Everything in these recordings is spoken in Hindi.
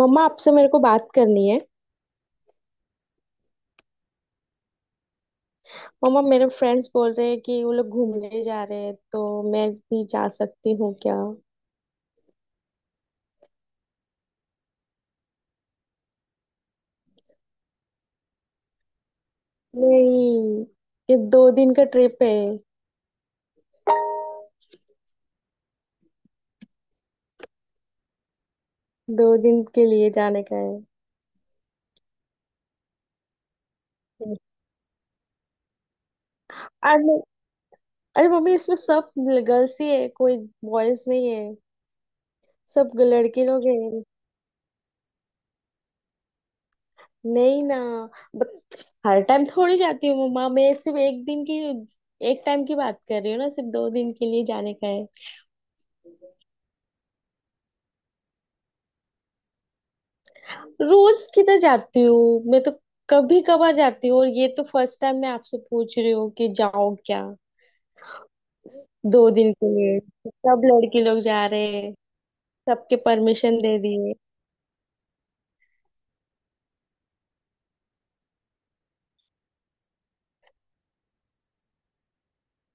मम्मा आपसे मेरे को बात करनी है। मम्मा मेरे फ्रेंड्स बोल रहे हैं कि वो लोग घूमने जा रहे हैं, तो मैं भी जा सकती हूँ क्या? नहीं। ये दो दिन का ट्रिप है। दो दिन के लिए जाने का है। अरे, अरे मम्मी, इसमें सब गर्ल्स ही है, कोई बॉयज नहीं है। सब लड़के लोग हैं, नहीं ना। बट हर टाइम थोड़ी जाती हूँ मम्मा, मैं सिर्फ एक दिन की एक टाइम की बात कर रही हूँ ना, सिर्फ दो दिन के लिए जाने का है। रोज किधर जाती हूँ मैं तो? कभी कभार जाती हूँ, और ये तो फर्स्ट टाइम मैं आपसे पूछ रही हूँ कि जाओ क्या। दो दिन के लिए। सब लड़के लोग जा रहे हैं। सबके परमिशन दे दिए।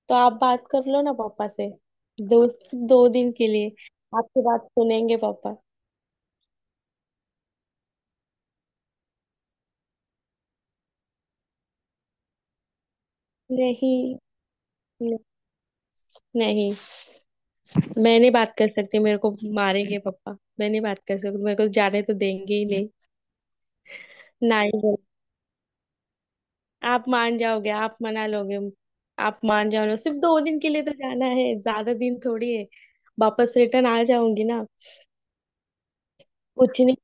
तो आप बात कर लो ना पापा से। दो दो दिन के लिए। आपकी बात सुनेंगे पापा। नहीं, न- नहीं। मैं नहीं बात कर सकती, मेरे को मारेंगे पापा, मैं नहीं बात कर सकती, मेरे को जाने तो देंगे ही नहीं। ना ही आप मान जाओगे, आप मना लोगे। आप मान जाओगे, सिर्फ दो दिन के लिए तो जाना है, ज्यादा दिन थोड़ी है। वापस रिटर्न आ जाऊंगी ना। कुछ नहीं।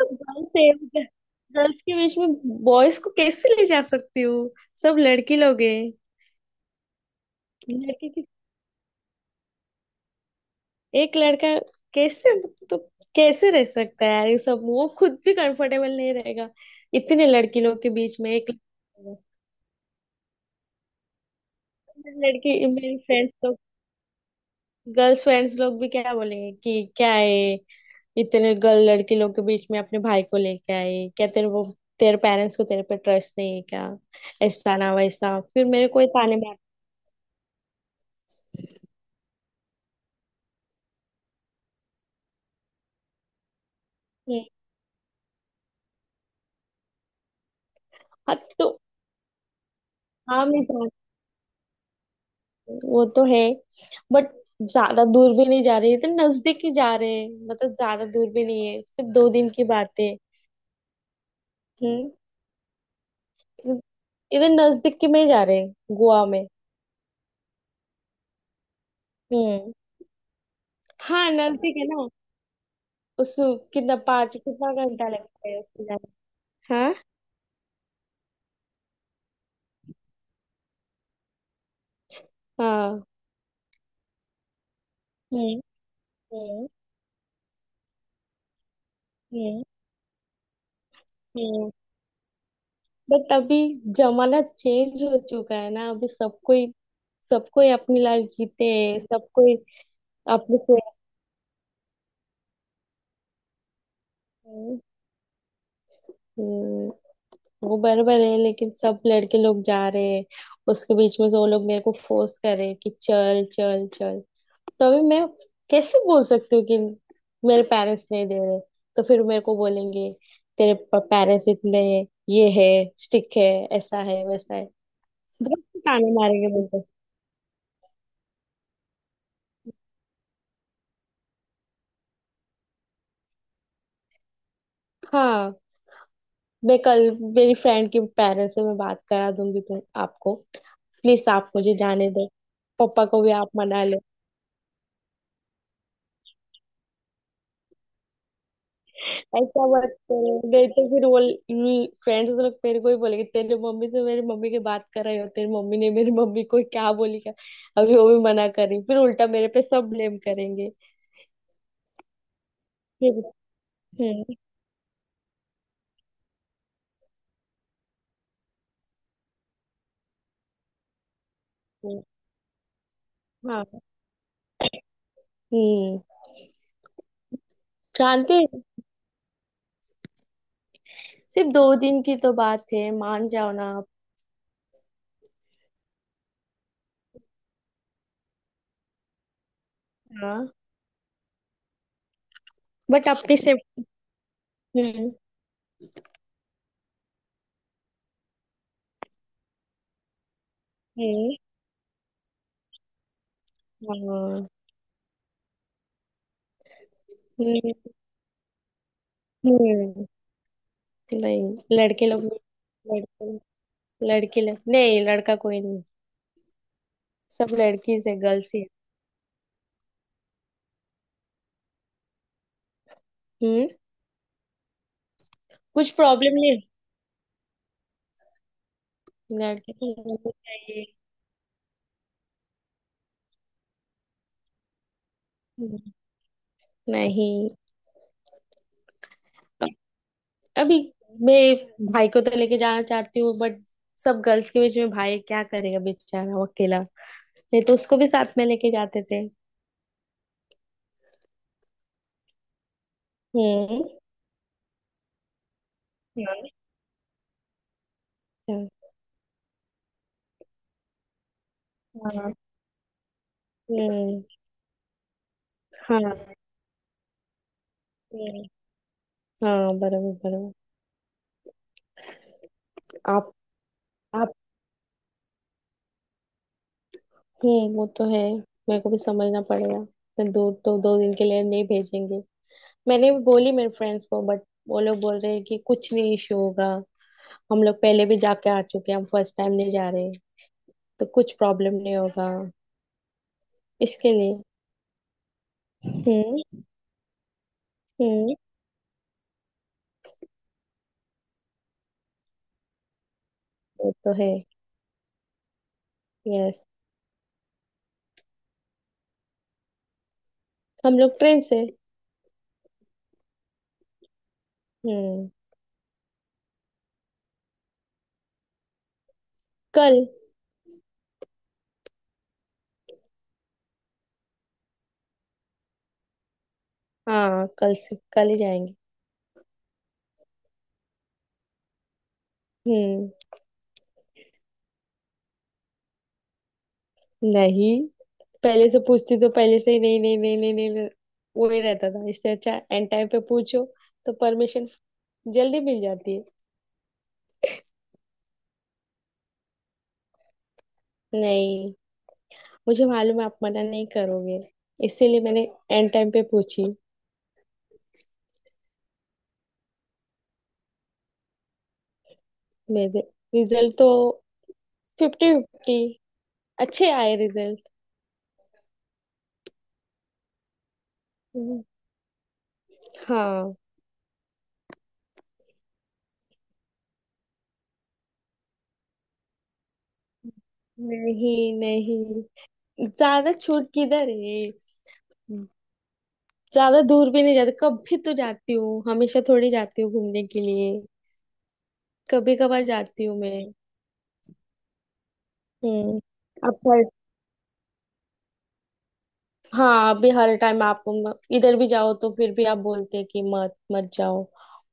गर्ल्स गर्ल्स के बीच में बॉयज को कैसे ले जा सकती हूँ? सब लड़की लोग हैं। लड़के के- एक लड़का कैसे, तो कैसे रह सकता है यार, ये सब वो खुद भी कंफर्टेबल नहीं रहेगा, इतने लड़की लोग के बीच में एक। लड़की मेरी फ्रेंड्स लोग, गर्ल्स फ्रेंड्स लोग भी क्या बोलेंगे कि क्या है, इतने गर्ल लड़के लोग के बीच में अपने भाई को लेके आई क्या, तेरे वो, तेरे पेरेंट्स को तेरे पे ट्रस्ट नहीं है क्या, ऐसा ना वैसा, फिर मेरे को ये ताने मारते हैं। हाँ तो, हाँ मैं जानती हूँ, वो तो है। बट ज्यादा दूर भी नहीं जा रही, तो नजदीक ही जा रहे हैं, मतलब ज्यादा दूर भी नहीं है, सिर्फ दो दिन की बात है। हम्म। इधर नजदीक के में ही जा रहे हैं। गोवा में। हम्म। हाँ नजदीक है ना। उस कितना, पाँच, कितना घंटा लगता है उससे जाने? हाँ। हाँ। हम्म। हम्म। हम्म। बट अभी जमाना चेंज हो चुका है ना, अभी सबको ही, अपनी लाइफ जीते हैं सबको ही अपने से। हम्म, वो बराबर है, लेकिन सब लड़के लोग जा रहे हैं उसके बीच में, तो वो लोग मेरे को फोर्स कर रहे हैं कि चल चल चल, तो अभी मैं कैसे बोल सकती हूँ कि मेरे पेरेंट्स नहीं दे रहे, तो फिर मेरे को बोलेंगे तेरे पेरेंट्स इतने, ये है, स्टिक है, ऐसा है वैसा है, बहुत ताने मारेंगे मुझे। हाँ, मैं कल मेरी फ्रेंड के पेरेंट्स से मैं बात करा दूंगी तुम आपको, प्लीज आप मुझे जाने दो, पापा को भी आप मना लो। ऐसा मत करो, नहीं तो फिर वो फ्रेंड्स लोग मेरे को ही बोलेंगे तेरे मम्मी से मेरी मम्मी की बात कर रही हो, तेरी मम्मी ने मेरी मम्मी को क्या बोली क्या, अभी वो भी मना कर रही, फिर उल्टा मेरे पे सब ब्लेम करेंगे। फिर, हम्म, हम्म, हाँ। हम्म। जानते हैं, सिर्फ दो दिन की तो बात है, मान जाओ ना आप। हाँ। बट अपनी से। हम्म। हम्म। हाँ। हम्म। हम्म, नहीं। लड़के लोग, लड़के, लड़के लोग नहीं, लड़का कोई नहीं। सब लड़कीज है, गर्ल्स ही है। हम्म। कुछ प्रॉब्लम नहीं। लड़के को होना चाहिए। हम्म, नहीं। अभी मैं भाई को तो लेके जाना चाहती हूँ, बट सब गर्ल्स के बीच में भाई क्या करेगा बेचारा, वो अकेला, नहीं तो उसको भी साथ में लेके जाते थे। हम्म। हाँ। हाँ। हम्म। हाँ। हम्म, हाँ बराबर बराबर। आप आप वो तो है। मेरे को भी समझना पड़ेगा, इतने दूर तो दो दिन के लिए नहीं भेजेंगे। मैंने भी बोली मेरे फ्रेंड्स को, बट वो लोग बोल रहे हैं कि कुछ नहीं इशू होगा, हम लोग पहले भी जाके आ चुके हैं, हम फर्स्ट टाइम नहीं जा रहे, तो कुछ प्रॉब्लम नहीं होगा इसके लिए। हम्म। हम्म। वो तो है। यस। हम लोग ट्रेन से। हम्म। कल। हाँ कल से कल ही जाएंगे। हम्म। नहीं, पहले से पूछती तो पहले से ही नहीं नहीं नहीं नहीं नहीं नहीं, वो ही रहता था, इससे अच्छा एंड टाइम पे पूछो तो परमिशन जल्दी मिल जाती है। नहीं, मुझे मालूम है आप मना नहीं करोगे, इसीलिए मैंने एंड टाइम पे पूछी। मेरे रिजल्ट तो फिफ्टी फिफ्टी अच्छे आए रिजल्ट। हाँ। नहीं नहीं, ज्यादा छूट किधर है, ज्यादा दूर भी नहीं जाती, कभी तो जाती हूँ, हमेशा थोड़ी जाती हूँ घूमने के लिए, कभी कभार जाती हूँ मैं। हम्म। अब पर, हाँ अभी हर टाइम आपको इधर भी जाओ तो फिर भी आप बोलते हैं कि मत मत जाओ,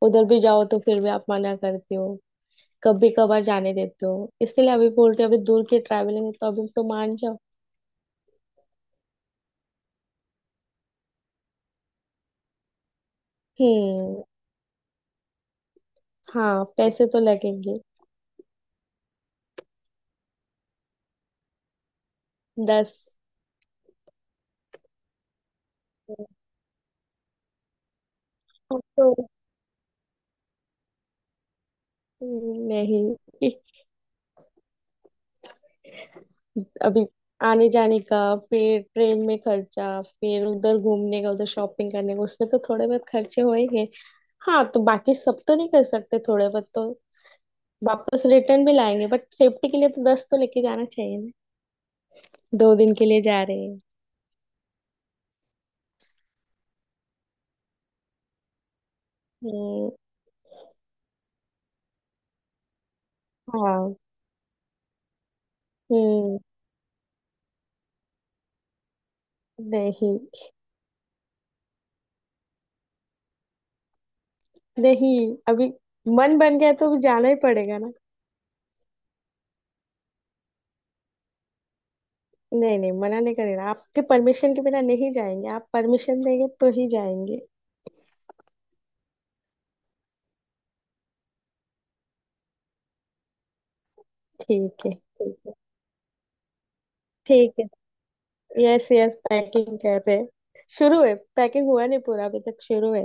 उधर भी जाओ तो फिर भी आप मना करते हो, कभी कभार जाने देते हो, इसलिए अभी बोल रहे हो, अभी दूर की ट्रैवलिंग है तो अभी तो मान जाओ। हम्म। हाँ पैसे तो लगेंगे। दस। हम्म, अब तो, नहीं। अभी आने जाने का फिर ट्रेन में खर्चा, फिर उधर घूमने का, उधर शॉपिंग करने का, उसमें तो थोड़े बहुत खर्चे हो ही गए, हाँ तो बाकी सब तो नहीं कर सकते, थोड़े बहुत तो वापस रिटर्न भी लाएंगे, बट सेफ्टी के लिए तो दस तो लेके जाना चाहिए ना, दो दिन के लिए जा रहे हैं। हम्म, हाँ। हम्म। नहीं। नहीं अभी मन बन गया तो अभी जाना ही पड़ेगा ना। नहीं नहीं, मना नहीं करेगा, आपके परमिशन के बिना नहीं जाएंगे, आप परमिशन देंगे तो ही जाएंगे। ठीक है, ठीक है। ठीक है। यस, यस, पैकिंग कर रहे हैं। शुरू है, पैकिंग हुआ नहीं पूरा, अभी तक शुरू है।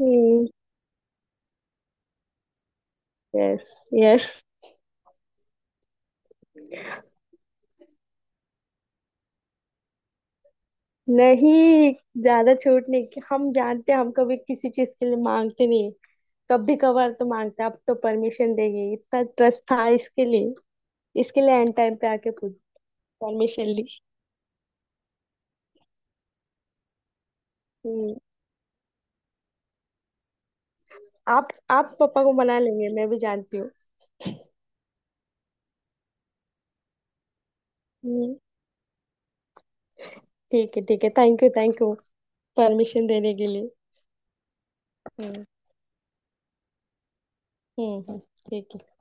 हम्म। यस। यस। नहीं, ज्यादा छूट नहीं, कि हम जानते हैं, हम कभी किसी चीज के लिए मांगते नहीं, कभी कभार तो मांगते हैं, अब तो परमिशन देंगे इतना ट्रस्ट था, इसके लिए एंड टाइम पे आके पूछ परमिशन ली। हम्म। आप पापा को मना लेंगे, मैं भी जानती हूँ। हम्म। ठीक है, ठीक है, thank you, thank you, permission देने के लिए। हम्म। हम्म। ठीक है।